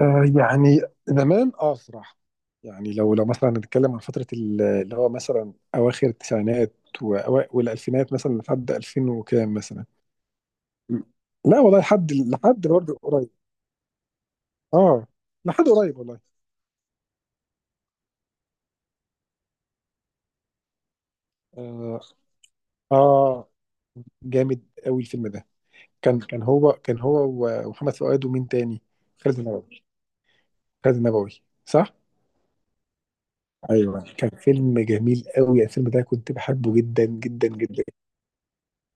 آه يعني زمان أسرع. يعني لو مثلا نتكلم عن فترة اللي هو مثلا أواخر التسعينات والألفينات مثلا لحد 2000 وكام مثلا. م. لا والله لحد برضه قريب. اه لحد قريب والله. اه, آه. جامد قوي الفيلم ده. كان هو ومحمد فؤاد ومين تاني؟ خالد النبوي. خالد النبوي صح. ايوه، كان فيلم جميل قوي الفيلم ده، كنت بحبه جدا جدا جدا.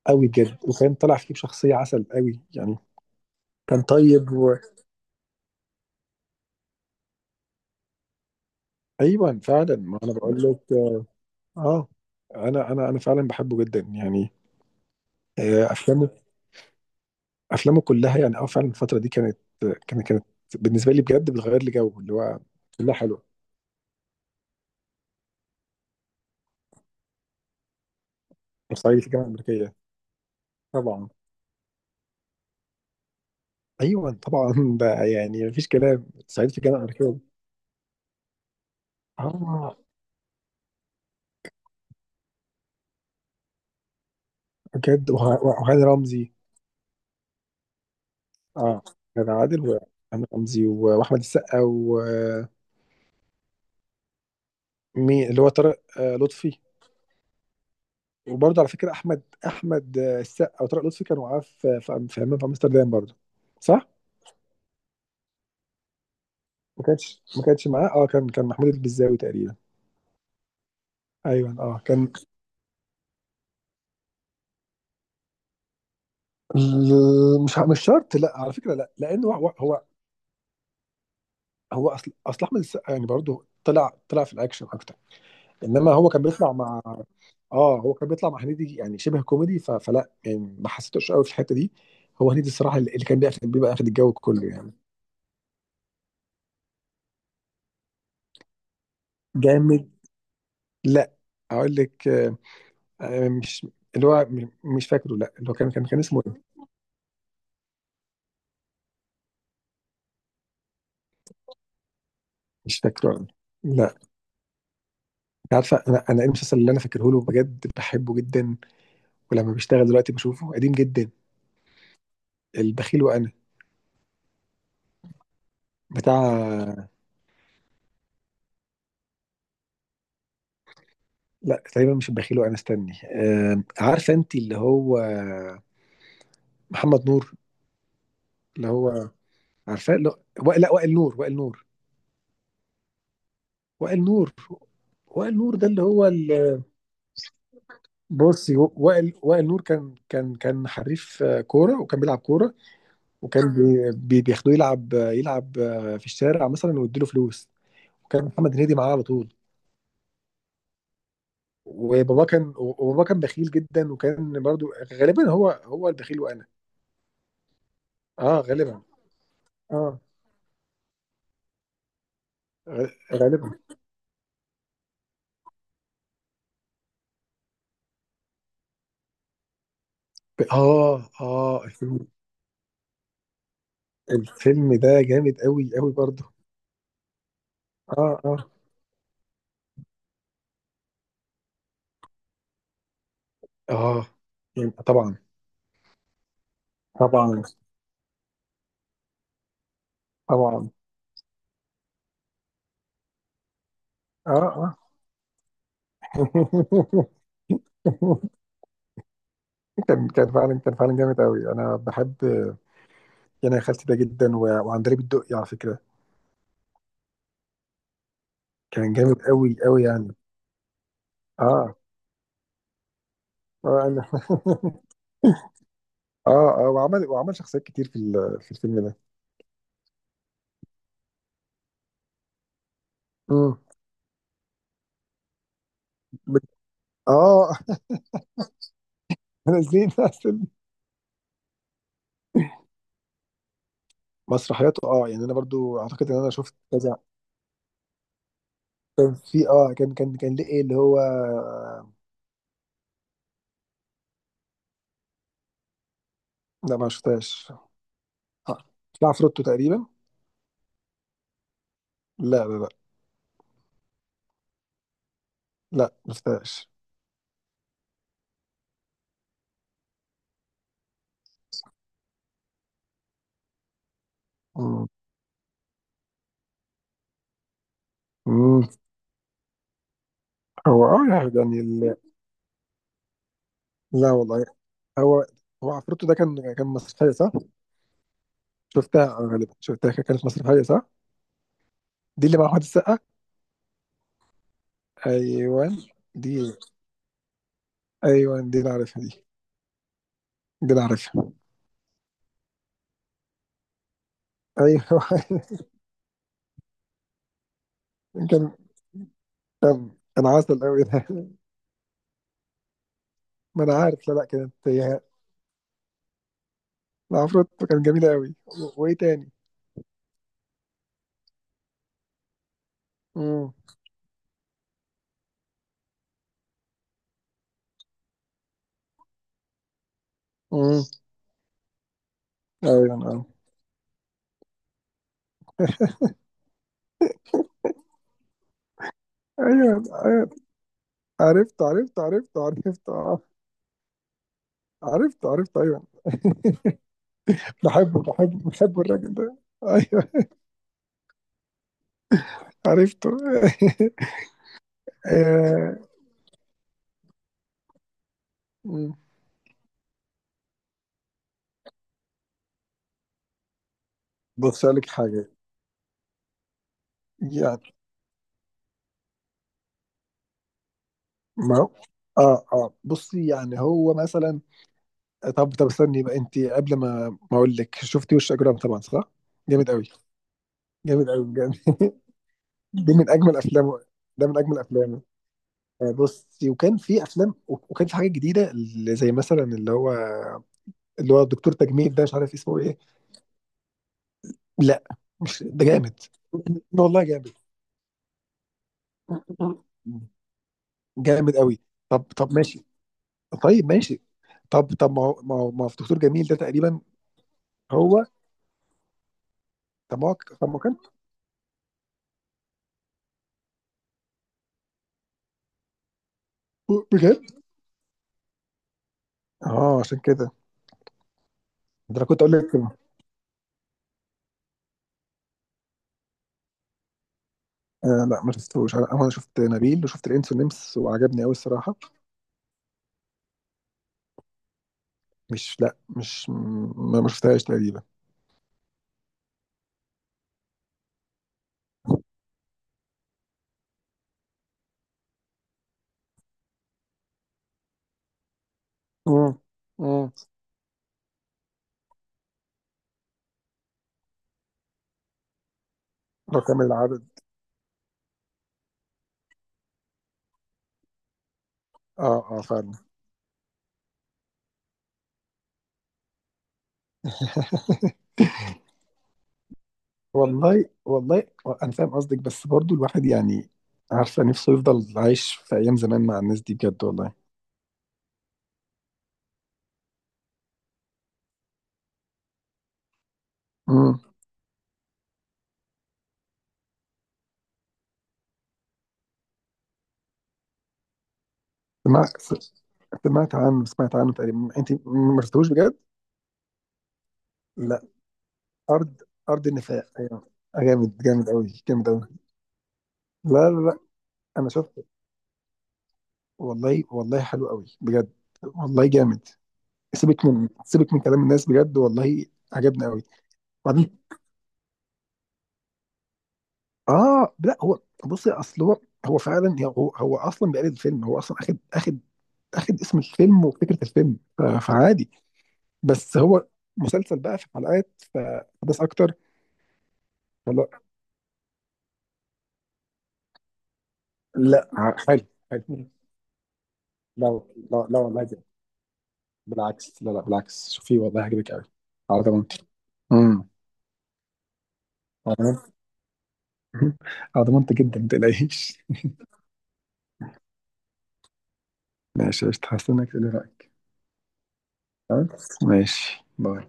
قوي بجد، وكان طالع فيه بشخصية عسل قوي يعني. كان طيب ايوه فعلا، ما انا بقول لك. اه، آه، انا فعلا بحبه جدا يعني. افلامه، افلامه كلها يعني. اه فعلا الفترة دي كانت، كانت بالنسبة لي بجد بتغير لي جو اللي هو كلها حلوة. صعيدي في الجامعة الأمريكية. طبعا. ايوه طبعا ده يعني مفيش كلام، صعيدي في الجامعة الأمريكية. اه بجد وهاني رمزي. اه، كان عادل وهاني رمزي واحمد السقا. مين اللي هو طارق، لطفي. وبرضه على فكره احمد السقا وطارق لطفي كانوا معاه في عمان، في امستردام برضه، صح؟ ما كانش معاه. اه، كان، كان محمود البزاوي تقريبا. ايوه اه كان. مش شرط، لا على فكره، لا لانه هو هو، اصل احمد السقا يعني برضه، طلع في الاكشن اكتر. انما هو كان بيطلع مع، اه هو كان بيطلع مع هنيدي، يعني شبه كوميدي فلا يعني، ما حسيتوش قوي في الحته دي. هو هنيدي الصراحه اللي كان بياخد، بيبقى اخد الجو كله يعني. جامد. لا، اقول لك، مش، اللي هو مش فاكره، لا اللي هو كان اسمه ايه. مش فاكره أنا. لا. أنت عارفه انا، ايه المسلسل اللي انا فاكره له بجد، بحبه جدا. ولما بشتغل دلوقتي بشوفه قديم جدا. البخيل وانا. بتاع، لا تقريبا مش البخيل وانا، استني، عارفه انت اللي هو محمد نور، اللي هو، عارفاه؟ لا، وائل نور، وائل نور. وائل نور. وائل نور ده اللي هو بصي، وائل نور كان حريف كوره، وكان بيلعب كوره. وكان بياخدوه يلعب، يلعب في الشارع مثلا، ويديله فلوس. وكان محمد هنيدي معاه على طول. وبابا كان بخيل جدا، وكان برضو غالبا هو، هو البخيل وانا. اه غالبا. اه غ- غالبا. اه اه الفيلم. الفيلم ده جامد قوي قوي برضو. اه اه. اه يعني طبعا. طبعا طبعا. اه اه. كان فعلا جامد قوي، انا بحب يعني يا خالتي ده جدا، وعندليب الدقي على فكره. كان جامد قوي قوي يعني. اه اه. انا، اه اه، وعمل شخصيات كتير في في الفيلم ده. امم اه. نازلين اصلا. مسرحياته، اه يعني انا برضو اعتقد ان انا شفت كذا. كان في اه، كان ليه ايه اللي هو. لا ما شفتهاش. آه. في عفروتو تقريبا. لا، لا ما شفتهاش. مم. مم. هو اه يعني لا والله. هو هو عفروتو ده كان، كان مسرحيه صح؟ شفتها، غالبا شفتها، كانت مسرحيه صح؟ دي اللي مع احمد السقا. ايوه. دي، ايوه دي اللي عارفها دي. دي اللي عارفها. ايوه. كان. طب. انا عسل قوي ده. ما انا عارف. لا لا كانت هي العفروت، كانت جميله قوي، وايه تاني؟ امم امم ايوه نعم. ايوه ايوه. عرفت اه. عرفت ايوه. بحبه الراجل ده. ايوه. عرفته. آه، مم. بص أقول لك حاجه يعني. ما هو- اه اه بصي، يعني هو مثلا. طب طب استني بقى، انت قبل ما اقول لك، شفتي وش اجرام؟ طبعا صح؟ جامد قوي. جامد قوي بجد. دي من اجمل افلامه. ده من اجمل افلامه. بصي، وكان في افلام، وكان في حاجات جديده اللي زي مثلا اللي هو، اللي هو الدكتور تجميل ده مش عارف اسمه ايه. لا مش ده جامد. والله جامد. جامد قوي. طب طب ماشي. طيب ماشي. طب طب ما هو في دكتور جميل ده تقريبا. هو. طب ما هو. طب ما هو كان، بجد. اه عشان كده ده انا كنت اقول لك. آه لا ما شفتوش. انا، أنا شفت نبيل وشفت الانس والنمس، وعجبني قوي الصراحه. مش لا مش ما ما شفتهاش تقريبا. امم امم رقم العدد. اه اه فعلا. والله والله، انا فاهم قصدك بس برضو الواحد يعني، عارفه نفسه يفضل عايش في ايام زمان مع الناس دي بجد والله. امم سمعت، سمعت عنه، سمعت عنه تقريبا، انت ما شفتوش بجد؟ لا. ارض، ارض النفاق ايوه. جامد جامد قوي، جامد قوي. لا، انا شفت. والله والله حلو قوي بجد. والله جامد. سيبك من كلام الناس بجد والله. عجبني قوي. وبعدين، اه لا هو، بص اصل هو، هو فعلا هو، هو اصلا بيقلد الفيلم. هو اصلا اخد، اخد اسم الفيلم وفكره الفيلم، فعادي. بس هو مسلسل بقى في حلقات، فبس اكتر. فلا، لا ع- حلو. حلو. لا لا والله جامد. بالعكس، لا لا بالعكس شوفيه والله هيعجبك قوي، على ضمانتي. امم على ضمانتي. على ضمانتي جدا ما تقلقيش. ماشي قشطة، هستناك تقولي رأيك. خلاص ماشي، باي.